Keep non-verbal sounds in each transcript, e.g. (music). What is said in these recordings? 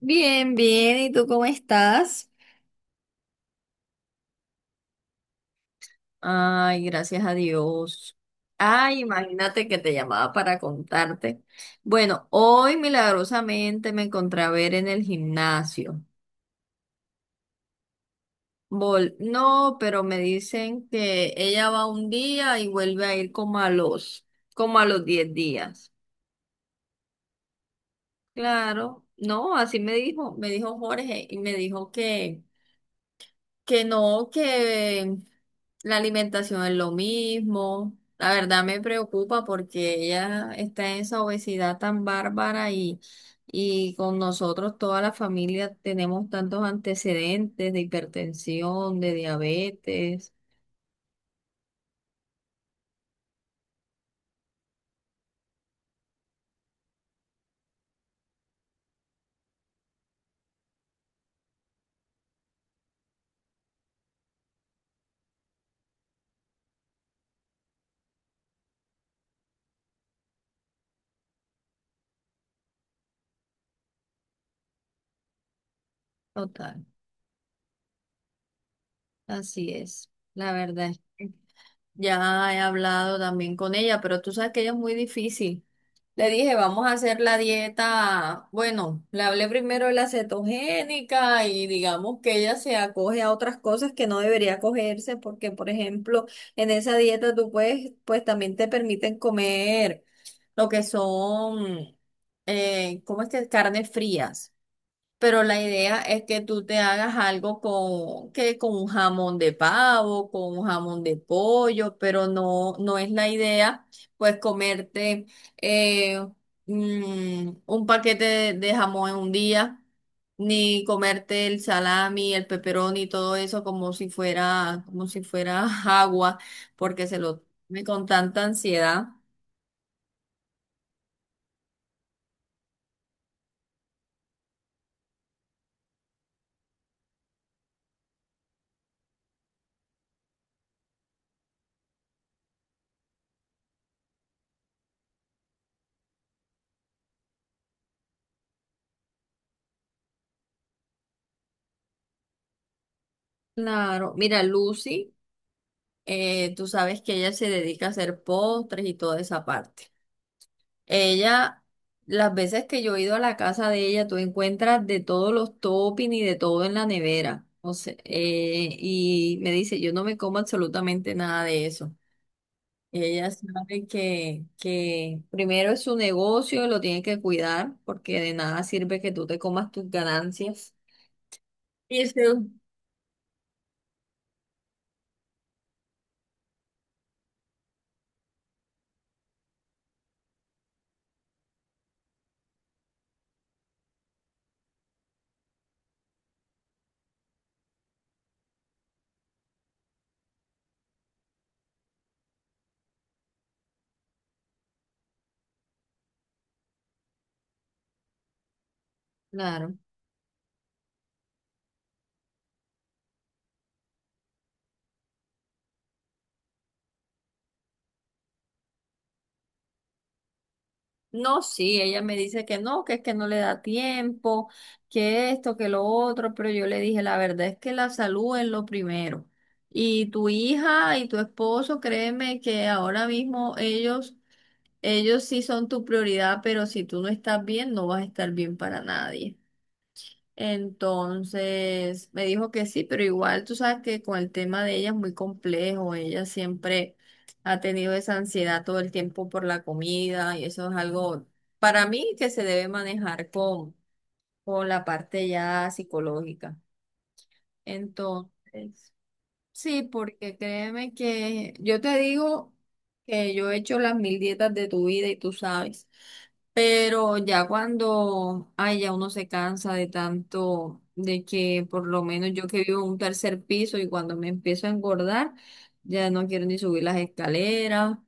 Bien, bien, ¿y tú cómo estás? Ay, gracias a Dios. Ay, imagínate que te llamaba para contarte. Bueno, hoy milagrosamente me encontré a ver en el gimnasio. No, pero me dicen que ella va un día y vuelve a ir como a los 10 días. Claro, no, así me dijo Jorge y me dijo que no, que la alimentación es lo mismo. La verdad me preocupa porque ella está en esa obesidad tan bárbara y con nosotros, toda la familia, tenemos tantos antecedentes de hipertensión, de diabetes, total. Así es, la verdad. Ya he hablado también con ella, pero tú sabes que ella es muy difícil. Le dije, vamos a hacer la dieta. Bueno, le hablé primero de la cetogénica y digamos que ella se acoge a otras cosas que no debería acogerse porque, por ejemplo, en esa dieta tú puedes, pues también te permiten comer lo que son, ¿cómo es que? Carnes frías. Pero la idea es que tú te hagas algo con, que con un jamón de pavo, con un jamón de pollo, pero no, no es la idea, pues comerte eh, un paquete de jamón en un día, ni comerte el salami, el pepperoni y todo eso como si fuera (laughs) agua, porque se lo come con tanta ansiedad. Claro, mira, Lucy, tú sabes que ella se dedica a hacer postres y toda esa parte. Ella, las veces que yo he ido a la casa de ella, tú encuentras de todos los toppings y de todo en la nevera. O sea, y me dice, yo no me como absolutamente nada de eso. Ella sabe que, primero es su negocio, lo tiene que cuidar, porque de nada sirve que tú te comas tus ganancias. Y eso claro. No, sí, ella me dice que no, que es que no le da tiempo, que esto, que lo otro, pero yo le dije, la verdad es que la salud es lo primero. Y tu hija y tu esposo, créeme que ahora mismo ellos, ellos sí son tu prioridad, pero si tú no estás bien, no vas a estar bien para nadie. Entonces me dijo que sí, pero igual tú sabes que con el tema de ella es muy complejo. Ella siempre ha tenido esa ansiedad todo el tiempo por la comida y eso es algo para mí que se debe manejar con la parte ya psicológica. Entonces, sí, porque créeme que yo te digo que yo he hecho las mil dietas de tu vida y tú sabes. Pero ya cuando, ay, ya uno se cansa de tanto, de que por lo menos yo que vivo en un tercer piso y cuando me empiezo a engordar, ya no quiero ni subir las escaleras.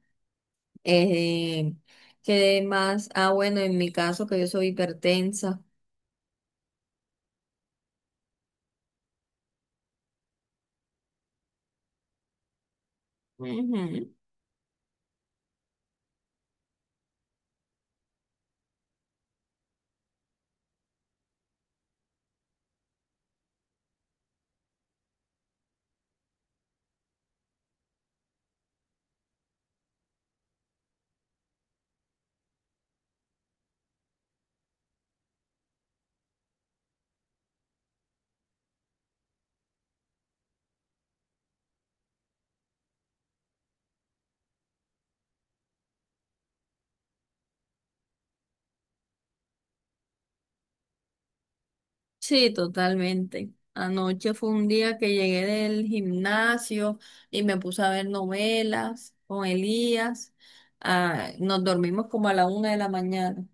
Eh, que más, ah, bueno, en mi caso que yo soy hipertensa. Ujú. Sí, totalmente. Anoche fue un día que llegué del gimnasio y me puse a ver novelas con Elías. Ah, nos dormimos como a la 1 de la mañana.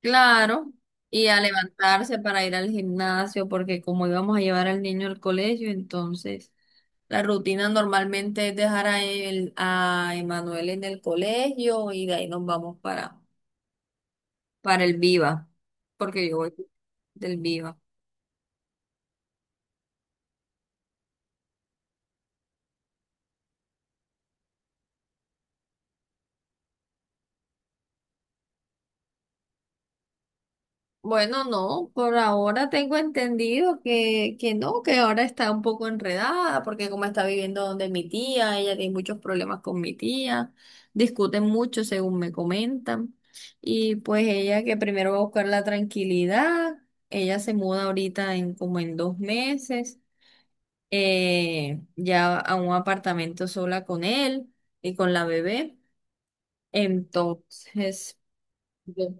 Claro, y a levantarse para ir al gimnasio, porque como íbamos a llevar al niño al colegio, entonces la rutina normalmente es dejar a él, a Emanuel en el colegio y de ahí nos vamos para, el Viva, porque yo voy del Viva. Bueno, no, por ahora tengo entendido que no, que ahora está un poco enredada, porque como está viviendo donde mi tía, ella tiene muchos problemas con mi tía, discuten mucho según me comentan, y pues ella que primero va a buscar la tranquilidad, ella se muda ahorita en como en 2 meses, ya a un apartamento sola con él y con la bebé, entonces, yo-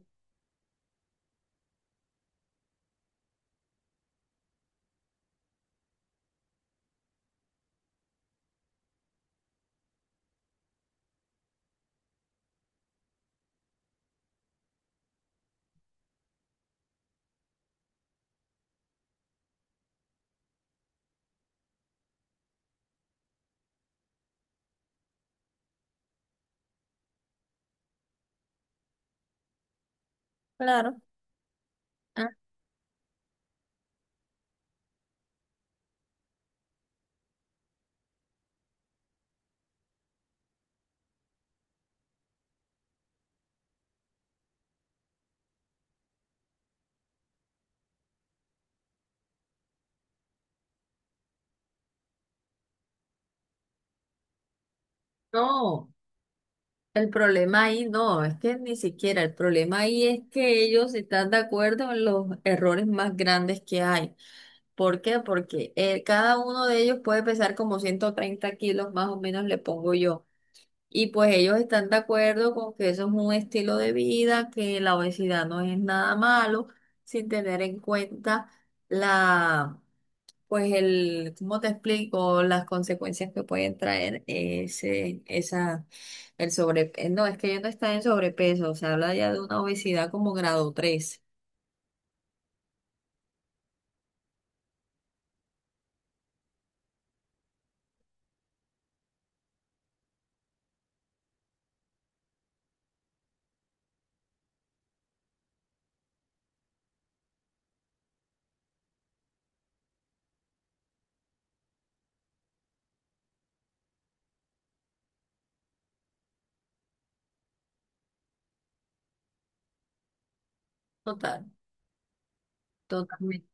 claro. Ah, no, el problema ahí no, es que ni siquiera, el problema ahí es que ellos están de acuerdo en los errores más grandes que hay. ¿Por qué? Porque cada uno de ellos puede pesar como 130 kilos, más o menos le pongo yo. Y pues ellos están de acuerdo con que eso es un estilo de vida, que la obesidad no es nada malo, sin tener en cuenta la pues el, ¿cómo te explico las consecuencias que pueden traer ese, esa, el sobrepeso? No, es que ya no está en sobrepeso, se habla ya de una obesidad como grado 3. Total, totalmente,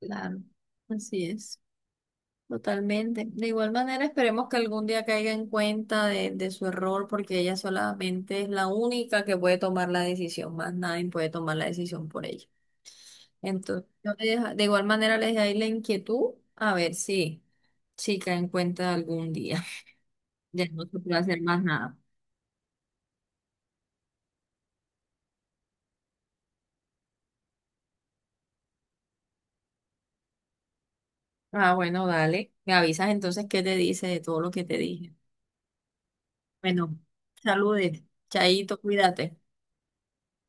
claro. Así es, totalmente. De igual manera, esperemos que algún día caiga en cuenta de su error, porque ella solamente es la única que puede tomar la decisión, más nadie puede tomar la decisión por ella. Entonces, de igual manera les dejo ahí la inquietud a ver si, si caen en cuenta algún día. (laughs) Ya no se puede hacer más nada. Ah, bueno, dale. Me avisas entonces qué te dice de todo lo que te dije. Bueno, saludes. Chaito, cuídate.